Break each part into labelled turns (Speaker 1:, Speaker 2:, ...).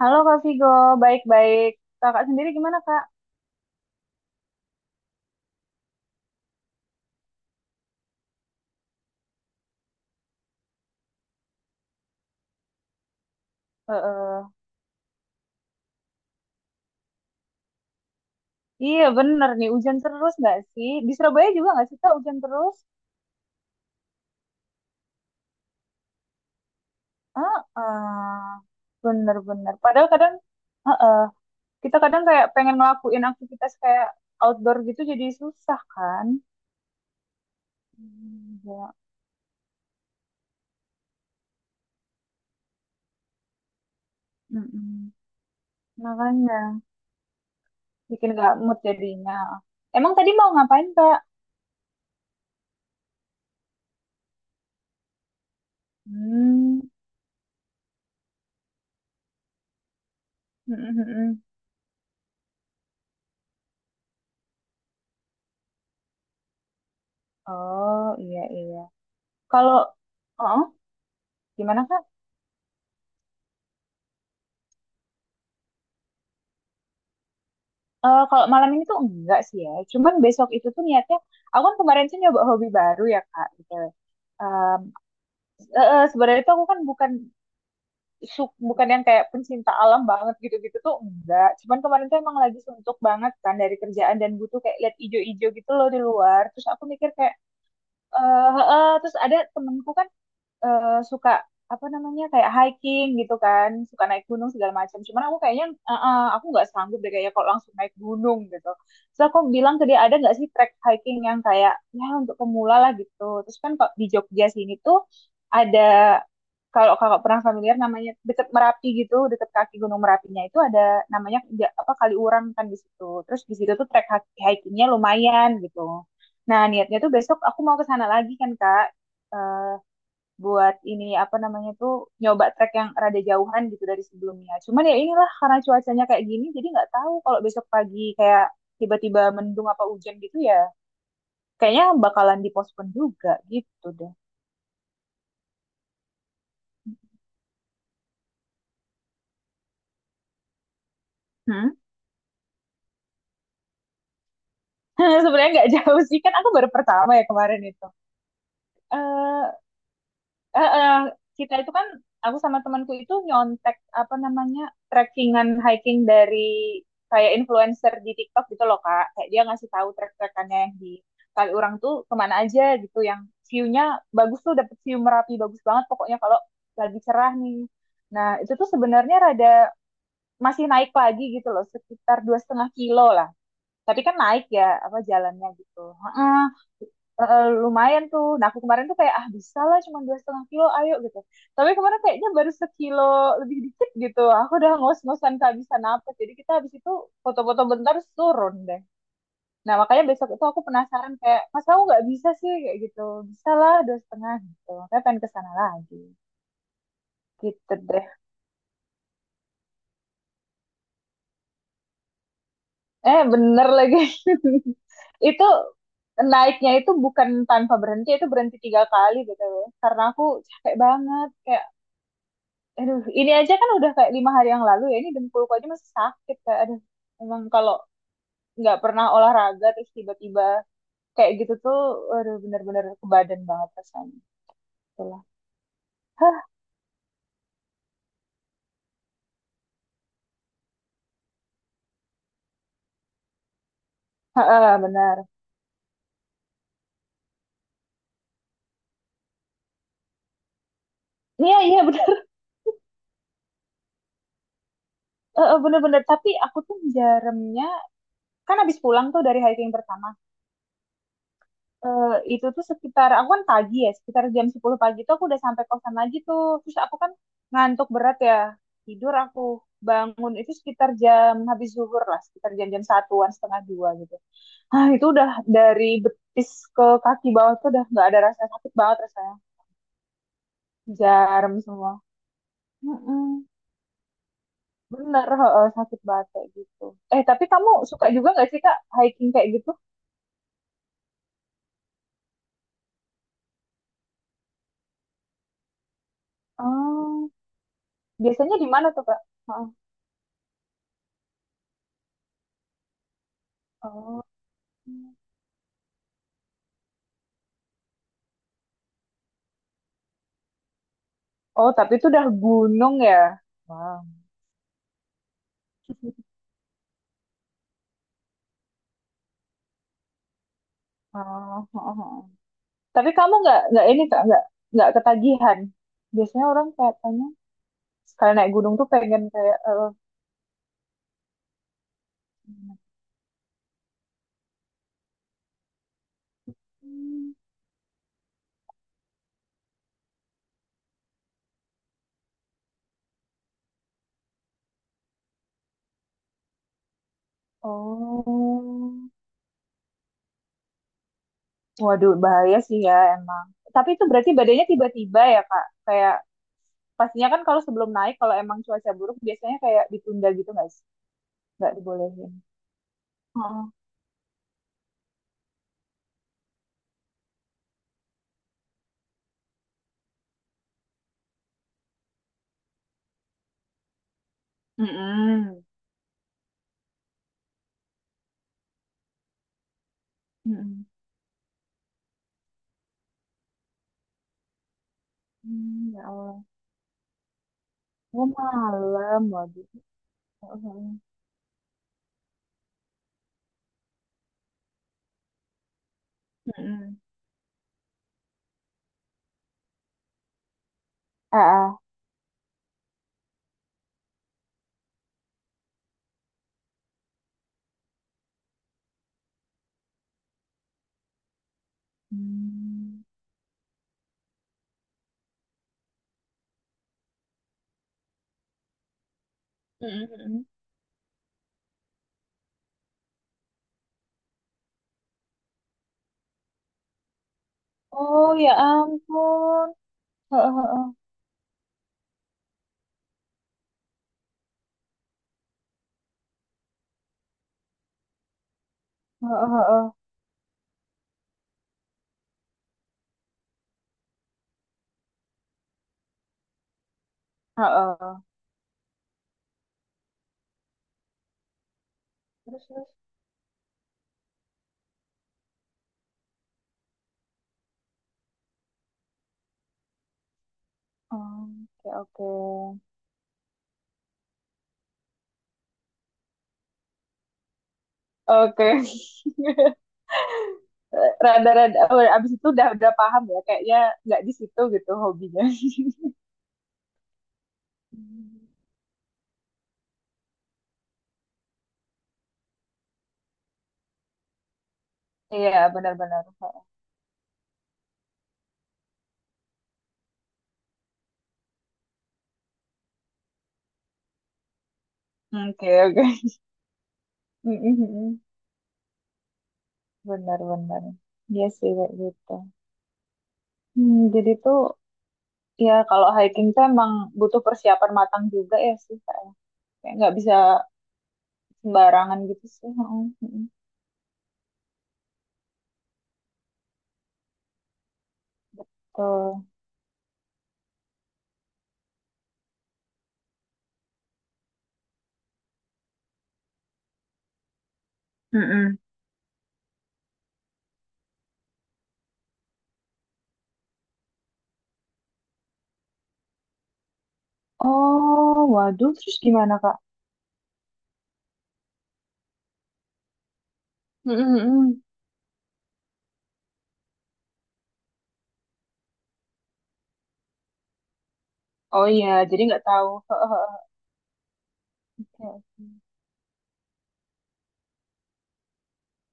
Speaker 1: Halo Kak Vigo, baik-baik. Kakak sendiri gimana Kak? Eh, eh. Iya bener nih, hujan terus nggak sih? Di Surabaya juga nggak sih Kak hujan terus? Ah, ah. Bener-bener. Padahal kadang, eh, eh, kita kadang kayak pengen ngelakuin aktivitas kayak outdoor gitu jadi susah kan? Hmm. Ya. Mm-mm. Makanya bikin nggak mood jadinya. Emang tadi mau ngapain Kak? Hmm. Mm-mm-mm. Oh, iya, iya. Kalau, oh gimana Kak? Kalau malam ini tuh enggak sih ya. Cuman besok itu tuh niatnya, aku kan kemarin sih nyoba hobi baru ya Kak. Gitu. Em, sebenarnya tuh aku kan bukan bukan yang kayak pencinta alam banget gitu-gitu tuh enggak. Cuman kemarin tuh emang lagi suntuk banget kan dari kerjaan dan butuh kayak lihat ijo-ijo gitu loh di luar. Terus aku mikir kayak, terus ada temenku kan suka apa namanya kayak hiking gitu kan, suka naik gunung segala macam. Cuman aku kayaknya aku nggak sanggup deh kayaknya kalau langsung naik gunung gitu. Terus aku bilang ke dia ada nggak sih trek hiking yang kayak ya untuk pemula lah gitu. Terus kan kok di Jogja sini tuh ada kalau kakak pernah familiar namanya deket Merapi gitu, deket kaki Gunung Merapinya itu ada namanya apa kali Urang kan di situ. Terus di situ tuh trek hikingnya lumayan gitu. Nah niatnya tuh besok aku mau ke sana lagi kan kak. Eh, buat ini apa namanya tuh nyoba trek yang rada jauhan gitu dari sebelumnya. Cuman ya inilah karena cuacanya kayak gini jadi nggak tahu kalau besok pagi kayak tiba-tiba mendung apa hujan gitu ya kayaknya bakalan dipospon juga gitu deh. Hmm? Sebenarnya nggak jauh sih kan aku baru pertama ya kemarin itu. Eh eh, eh, kita itu kan aku sama temanku itu nyontek apa namanya trekkingan hiking dari kayak influencer di TikTok gitu loh Kak. Kayak dia ngasih tahu trek-trekannya yang di Kaliurang tuh kemana aja gitu yang view-nya bagus tuh dapet view Merapi bagus banget pokoknya kalau lagi cerah nih. Nah, itu tuh sebenarnya rada masih naik lagi gitu loh, sekitar 2,5 kilo lah. Tapi kan naik ya apa jalannya gitu. Heeh. Lumayan tuh. Nah aku kemarin tuh kayak ah bisa lah cuma 2,5 kilo ayo gitu. Tapi kemarin kayaknya baru 1 kilo lebih dikit gitu. Aku udah ngos-ngosan kehabisan napas. Jadi kita habis itu foto-foto bentar terus turun deh. Nah makanya besok itu aku penasaran kayak mas kamu nggak bisa sih kayak gitu. Bisa lah 2,5 gitu. Makanya pengen ke sana lagi. Gitu deh. Eh bener lagi. itu naiknya itu bukan tanpa berhenti itu berhenti 3 kali gitu loh. Karena aku capek banget kayak aduh, ini aja kan udah kayak 5 hari yang lalu ya. Ini dengkulku aja masih sakit. Kayak, aduh, emang kalau nggak pernah olahraga terus tiba-tiba kayak gitu tuh, aduh bener-bener ke badan banget rasanya. Itulah. Hah. Heeh, benar. Iya, iya benar. Heeh. Bener-bener. Tapi aku tuh jarumnya, kan abis pulang tuh dari hiking pertama. eh, itu tuh sekitar aku kan pagi ya sekitar jam 10 pagi tuh aku udah sampai kosan lagi tuh terus aku kan ngantuk berat ya tidur aku bangun itu sekitar jam habis zuhur lah sekitar jam-jam satuan setengah 2 gitu ah itu udah dari betis ke kaki bawah tuh udah nggak ada rasa sakit banget rasanya jarum semua. Mm-mm. Bener heeh, sakit banget kayak gitu. Eh tapi kamu suka juga nggak sih kak hiking kayak gitu oh biasanya di mana tuh kak. Heeh. Oh. Oh, tapi itu udah gunung ya. Wow. Oh, oh, oh, oh. Tapi kamu nggak ini kak nggak ketagihan. Biasanya orang katanya sekali naik gunung tuh pengen kayak eh, hmm, oh, waduh bahaya sih ya emang. Tapi itu berarti badannya tiba-tiba ya kak. Kayak pastinya kan kalau sebelum naik kalau emang cuaca buruk biasanya kayak ditunda gitu nggak sih? Nggak dibolehin. Oh. Mm-mm. Mm-mm. Hmm, ya Allah. Oh, malam, waduh. Mm-mm. Mm-mm. Ah, ah. Hmm. Mm-mm. Ah. Oh ya ampun. Heeh, heeh, heeh, heeh, heeh. Terus, terus. Oh. Oke, oke, oke. Rada-rada. Oh, abis itu udah paham ya. Kayaknya nggak di situ gitu hobinya. Hmm. Iya benar-benar. Heeh. Oke, oke. Mm-mm. Benar-benar. Iya sih kayak gitu. Hmm, jadi tuh. Iya, kalau hiking tuh emang butuh persiapan matang juga ya sih kayaknya. Kayak nggak bisa sembarangan gitu sih. Heeh, heeh. Tuh. Mm. Oh, waduh, terus gimana Kak? Heeh, heeh. Oh iya, jadi nggak tahu. Heeh, heeh. Oke, oke.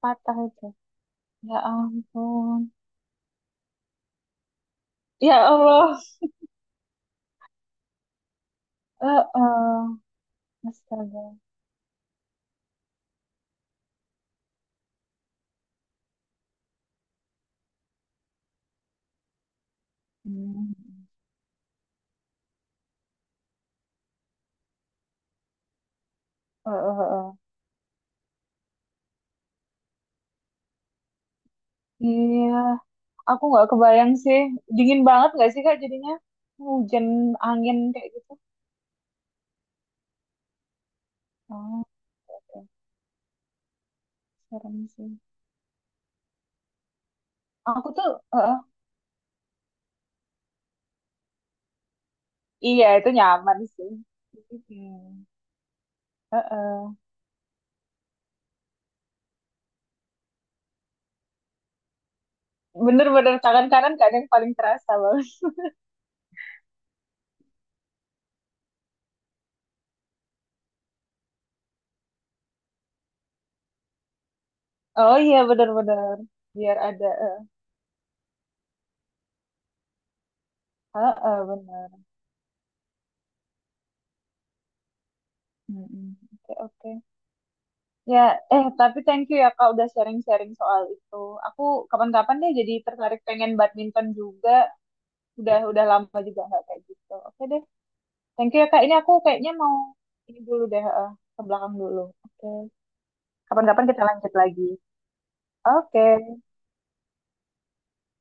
Speaker 1: Patah itu. Ya ampun. Ya Allah. Heeh. Astaga. Hmm. Heeh, heeh, heeh. Iya, aku nggak kebayang sih. Dingin banget nggak sih Kak jadinya? Hujan, angin kayak gitu. Oh, oke. Serem sih. Aku tuh, heeh. Iya itu nyaman sih. Iya. Heeh. Bener-bener tangan kanan kadang paling terasa banget. Oh iya bener-bener. Biar ada, eh, heeh bener. Mm-mm. Oke, oke. Ya, eh tapi thank you ya Kak udah sharing-sharing soal itu. Aku kapan-kapan deh jadi tertarik pengen badminton juga. Udah lama juga nggak kayak gitu. Oke deh. Thank you ya Kak. Ini aku kayaknya mau ini dulu deh, ke belakang dulu. Oke. Kapan-kapan kita lanjut lagi. Oke.